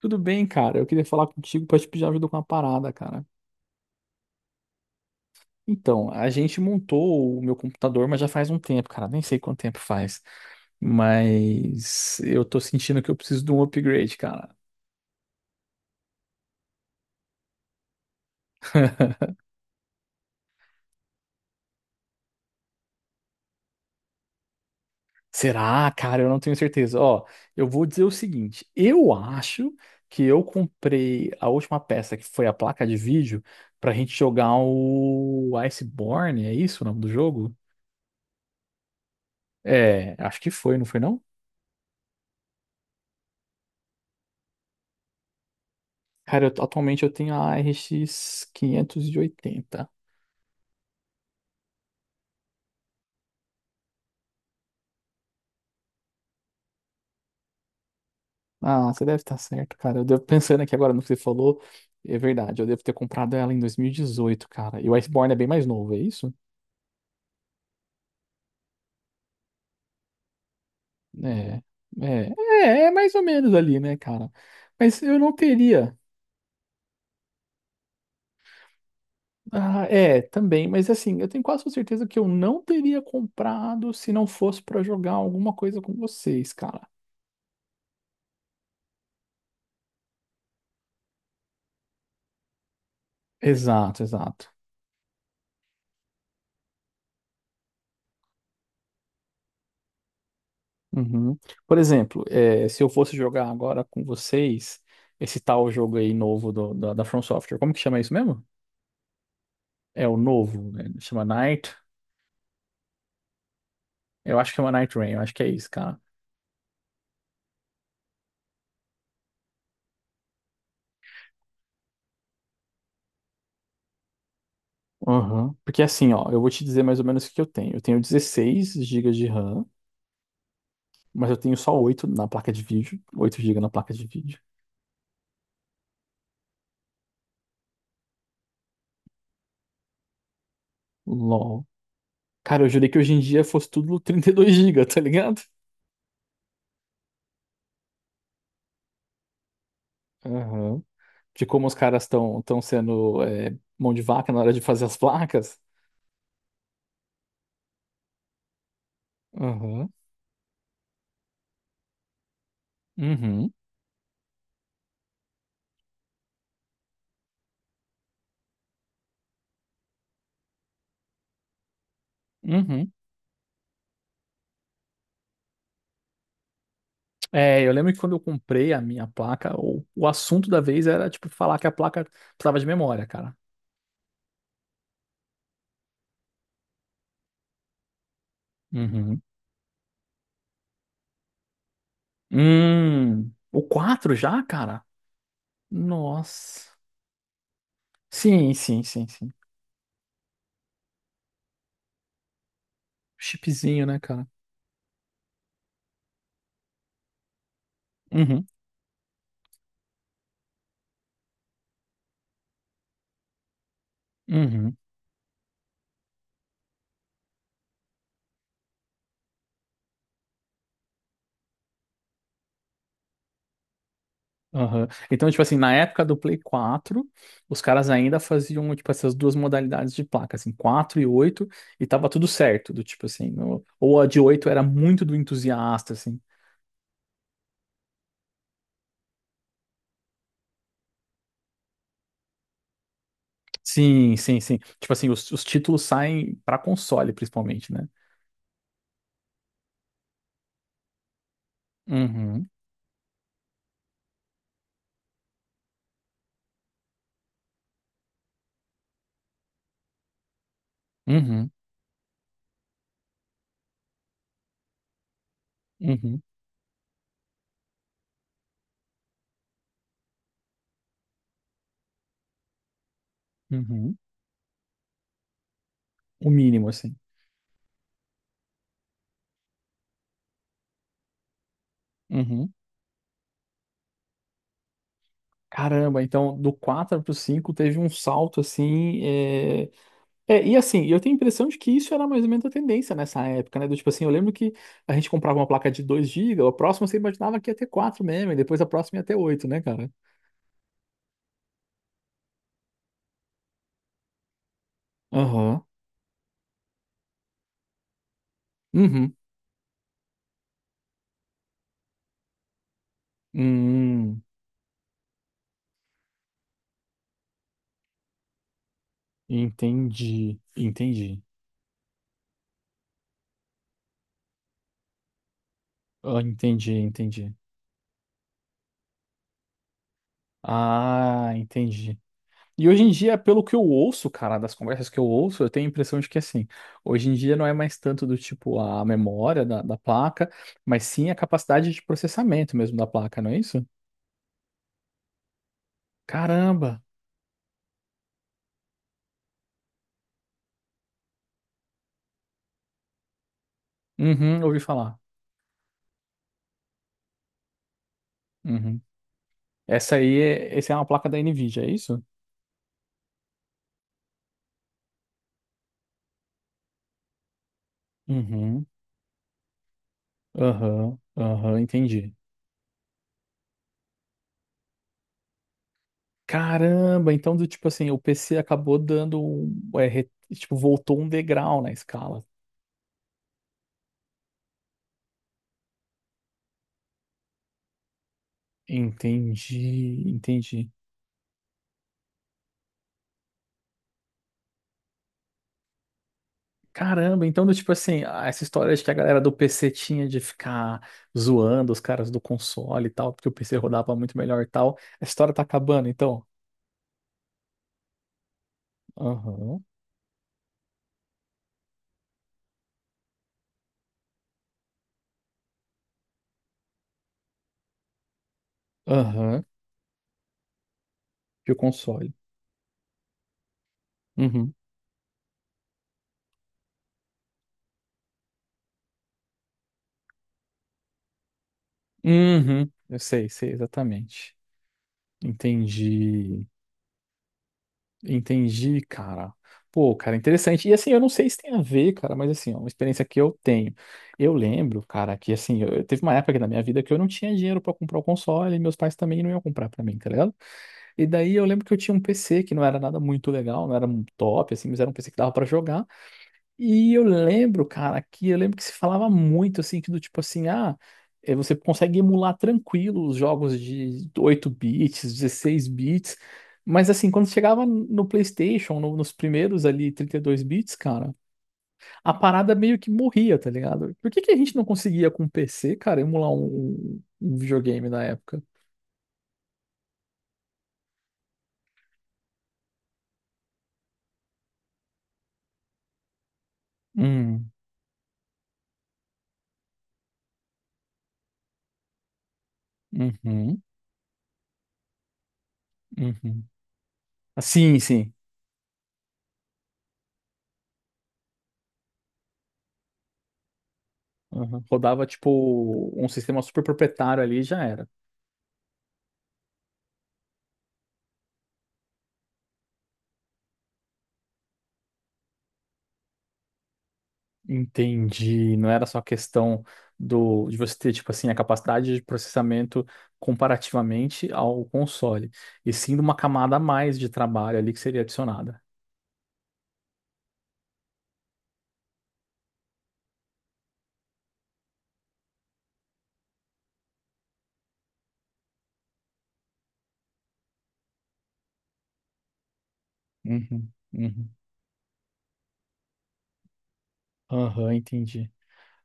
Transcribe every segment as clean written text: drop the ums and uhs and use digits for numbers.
Tudo bem, cara. Eu queria falar contigo pra te pedir ajuda com uma parada, cara. Então, a gente montou o meu computador, mas já faz um tempo, cara. Nem sei quanto tempo faz. Mas eu tô sentindo que eu preciso de um upgrade, cara. Será, cara? Eu não tenho certeza. Ó, eu vou dizer o seguinte: eu acho que eu comprei a última peça, que foi a placa de vídeo, pra gente jogar o Iceborne. É isso o nome do jogo? É, acho que foi, não foi não? Cara, atualmente eu tenho a RX 80. Ah, você deve estar certo, cara. Eu devo pensando aqui agora no que você falou. É verdade, eu devo ter comprado ela em 2018, cara. E o Iceborne é bem mais novo, é isso? É, é, é mais ou menos ali, né, cara? Mas eu não teria. Ah, é, também, mas assim, eu tenho quase certeza que eu não teria comprado se não fosse pra jogar alguma coisa com vocês, cara. Exato, exato. Uhum. Por exemplo, se eu fosse jogar agora com vocês esse tal jogo aí novo da From Software, como que chama isso mesmo? É o novo, né? Chama Night. Eu acho que chama Night Rain, eu acho que é isso, cara. Uhum. Porque assim, ó, eu vou te dizer mais ou menos o que eu tenho. Eu tenho 16 gigas de RAM, mas eu tenho só 8 na placa de vídeo. Oito gigas na placa de vídeo. LOL. Cara, eu jurei que hoje em dia fosse tudo 32 gigas, tá ligado? Aham. De como os caras estão sendo mão de vaca na hora de fazer as placas. Uhum, uhum, uhum. É, eu lembro que quando eu comprei a minha placa, o assunto da vez era, tipo, falar que a placa precisava de memória, cara. Uhum. O 4 já, cara? Nossa. Sim, sim, sim, sim. Chipzinho, né, cara? Uhum, uhum, aham. Então, tipo assim, na época do Play quatro, os caras ainda faziam, tipo, essas duas modalidades de placa, assim, 4 e oito, e tava tudo certo. Do tipo assim, ou a de 8 era muito do entusiasta, assim. Sim, sim, sim. Tipo assim, os títulos saem pra console, principalmente, né? Uhum, uhum, uhum, uhum. O mínimo, assim. Uhum. Caramba, então do 4 pro cinco teve um salto assim. É, e assim, eu tenho a impressão de que isso era mais ou menos a tendência nessa época, né? Do tipo assim, eu lembro que a gente comprava uma placa de 2 gigas, a próxima você imaginava que ia ter quatro mesmo, e depois a próxima ia ter oito, né, cara? Aham. Uhum. Hum, entendi, entendi. Ah, entendi, entendi. Ah, entendi. E hoje em dia, pelo que eu ouço, cara, das conversas que eu ouço, eu tenho a impressão de que assim, hoje em dia não é mais tanto do tipo a memória da placa, mas sim a capacidade de processamento mesmo da placa, não é isso? Caramba! Uhum, ouvi falar. Uhum. Essa aí é, essa é uma placa da Nvidia, é isso? Uhum, aham, aham, entendi. Caramba, então do tipo assim, o PC acabou dando, é, tipo, voltou um degrau na escala. Entendi, entendi. Caramba, então, do tipo assim, ah, essa história de que a galera do PC tinha de ficar zoando os caras do console e tal, porque o PC rodava muito melhor e tal, a história tá acabando, então. Aham, aham, que o console. Uhum, uhum, eu sei, sei exatamente. Entendi, entendi, cara. Pô, cara, interessante. E assim, eu não sei se tem a ver, cara, mas assim, ó, uma experiência que eu tenho. Eu lembro, cara, que assim, teve uma época aqui na minha vida que eu não tinha dinheiro pra comprar o console e meus pais também não iam comprar pra mim, tá ligado? E daí eu lembro que eu tinha um PC que não era nada muito legal, não era um top, assim, mas era um PC que dava pra jogar. E eu lembro, cara, que eu lembro que se falava muito, assim, que do tipo assim, ah, você consegue emular tranquilo os jogos de 8 bits, 16 bits. Mas assim, quando chegava no PlayStation, nos primeiros ali 32 bits, cara, a parada meio que morria, tá ligado? Por que que a gente não conseguia com o PC, cara, emular um videogame na época? Hum, uhum, uhum. Sim, sim. Uhum. Rodava tipo um sistema super proprietário ali e já era. Entendi. Não era só questão do de você ter tipo assim a capacidade de processamento comparativamente ao console, e sim de uma camada a mais de trabalho ali que seria adicionada. Uhum, uhum. Aham, entendi.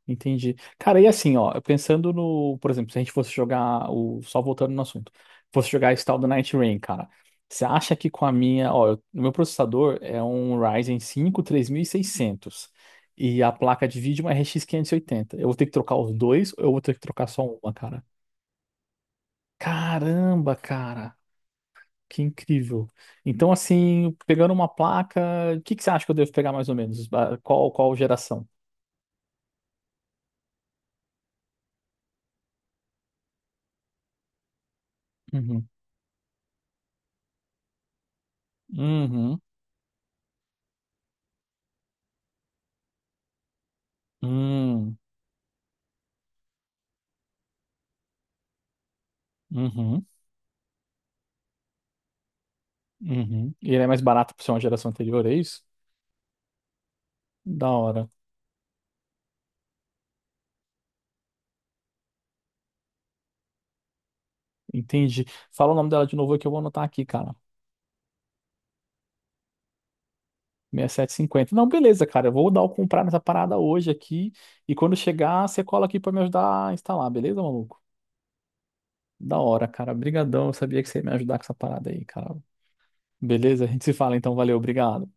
Entendi. Cara, e assim, ó, pensando no, por exemplo, se a gente fosse jogar o, só voltando no assunto, fosse jogar esse tal do Night Rain, cara, você acha que com a minha, ó, o meu processador é um Ryzen 5 3600 e a placa de vídeo é uma RX 80. Eu vou ter que trocar os dois ou eu vou ter que trocar só uma, cara? Caramba, cara, que incrível. Então, assim, pegando uma placa, o que que você acha que eu devo pegar mais ou menos? Ah, qual geração? Uhum. Uhum. Hum, uhum. Uhum. E ele é mais barato por ser uma geração anterior, é isso? Da hora. Entendi. Fala o nome dela de novo que eu vou anotar aqui, cara. 6750. Não, beleza, cara. Eu vou dar o comprar nessa parada hoje aqui. E quando chegar, você cola aqui pra me ajudar a instalar, beleza, maluco? Da hora, cara. Brigadão. Eu sabia que você ia me ajudar com essa parada aí, cara. Beleza? A gente se fala então. Valeu, obrigado.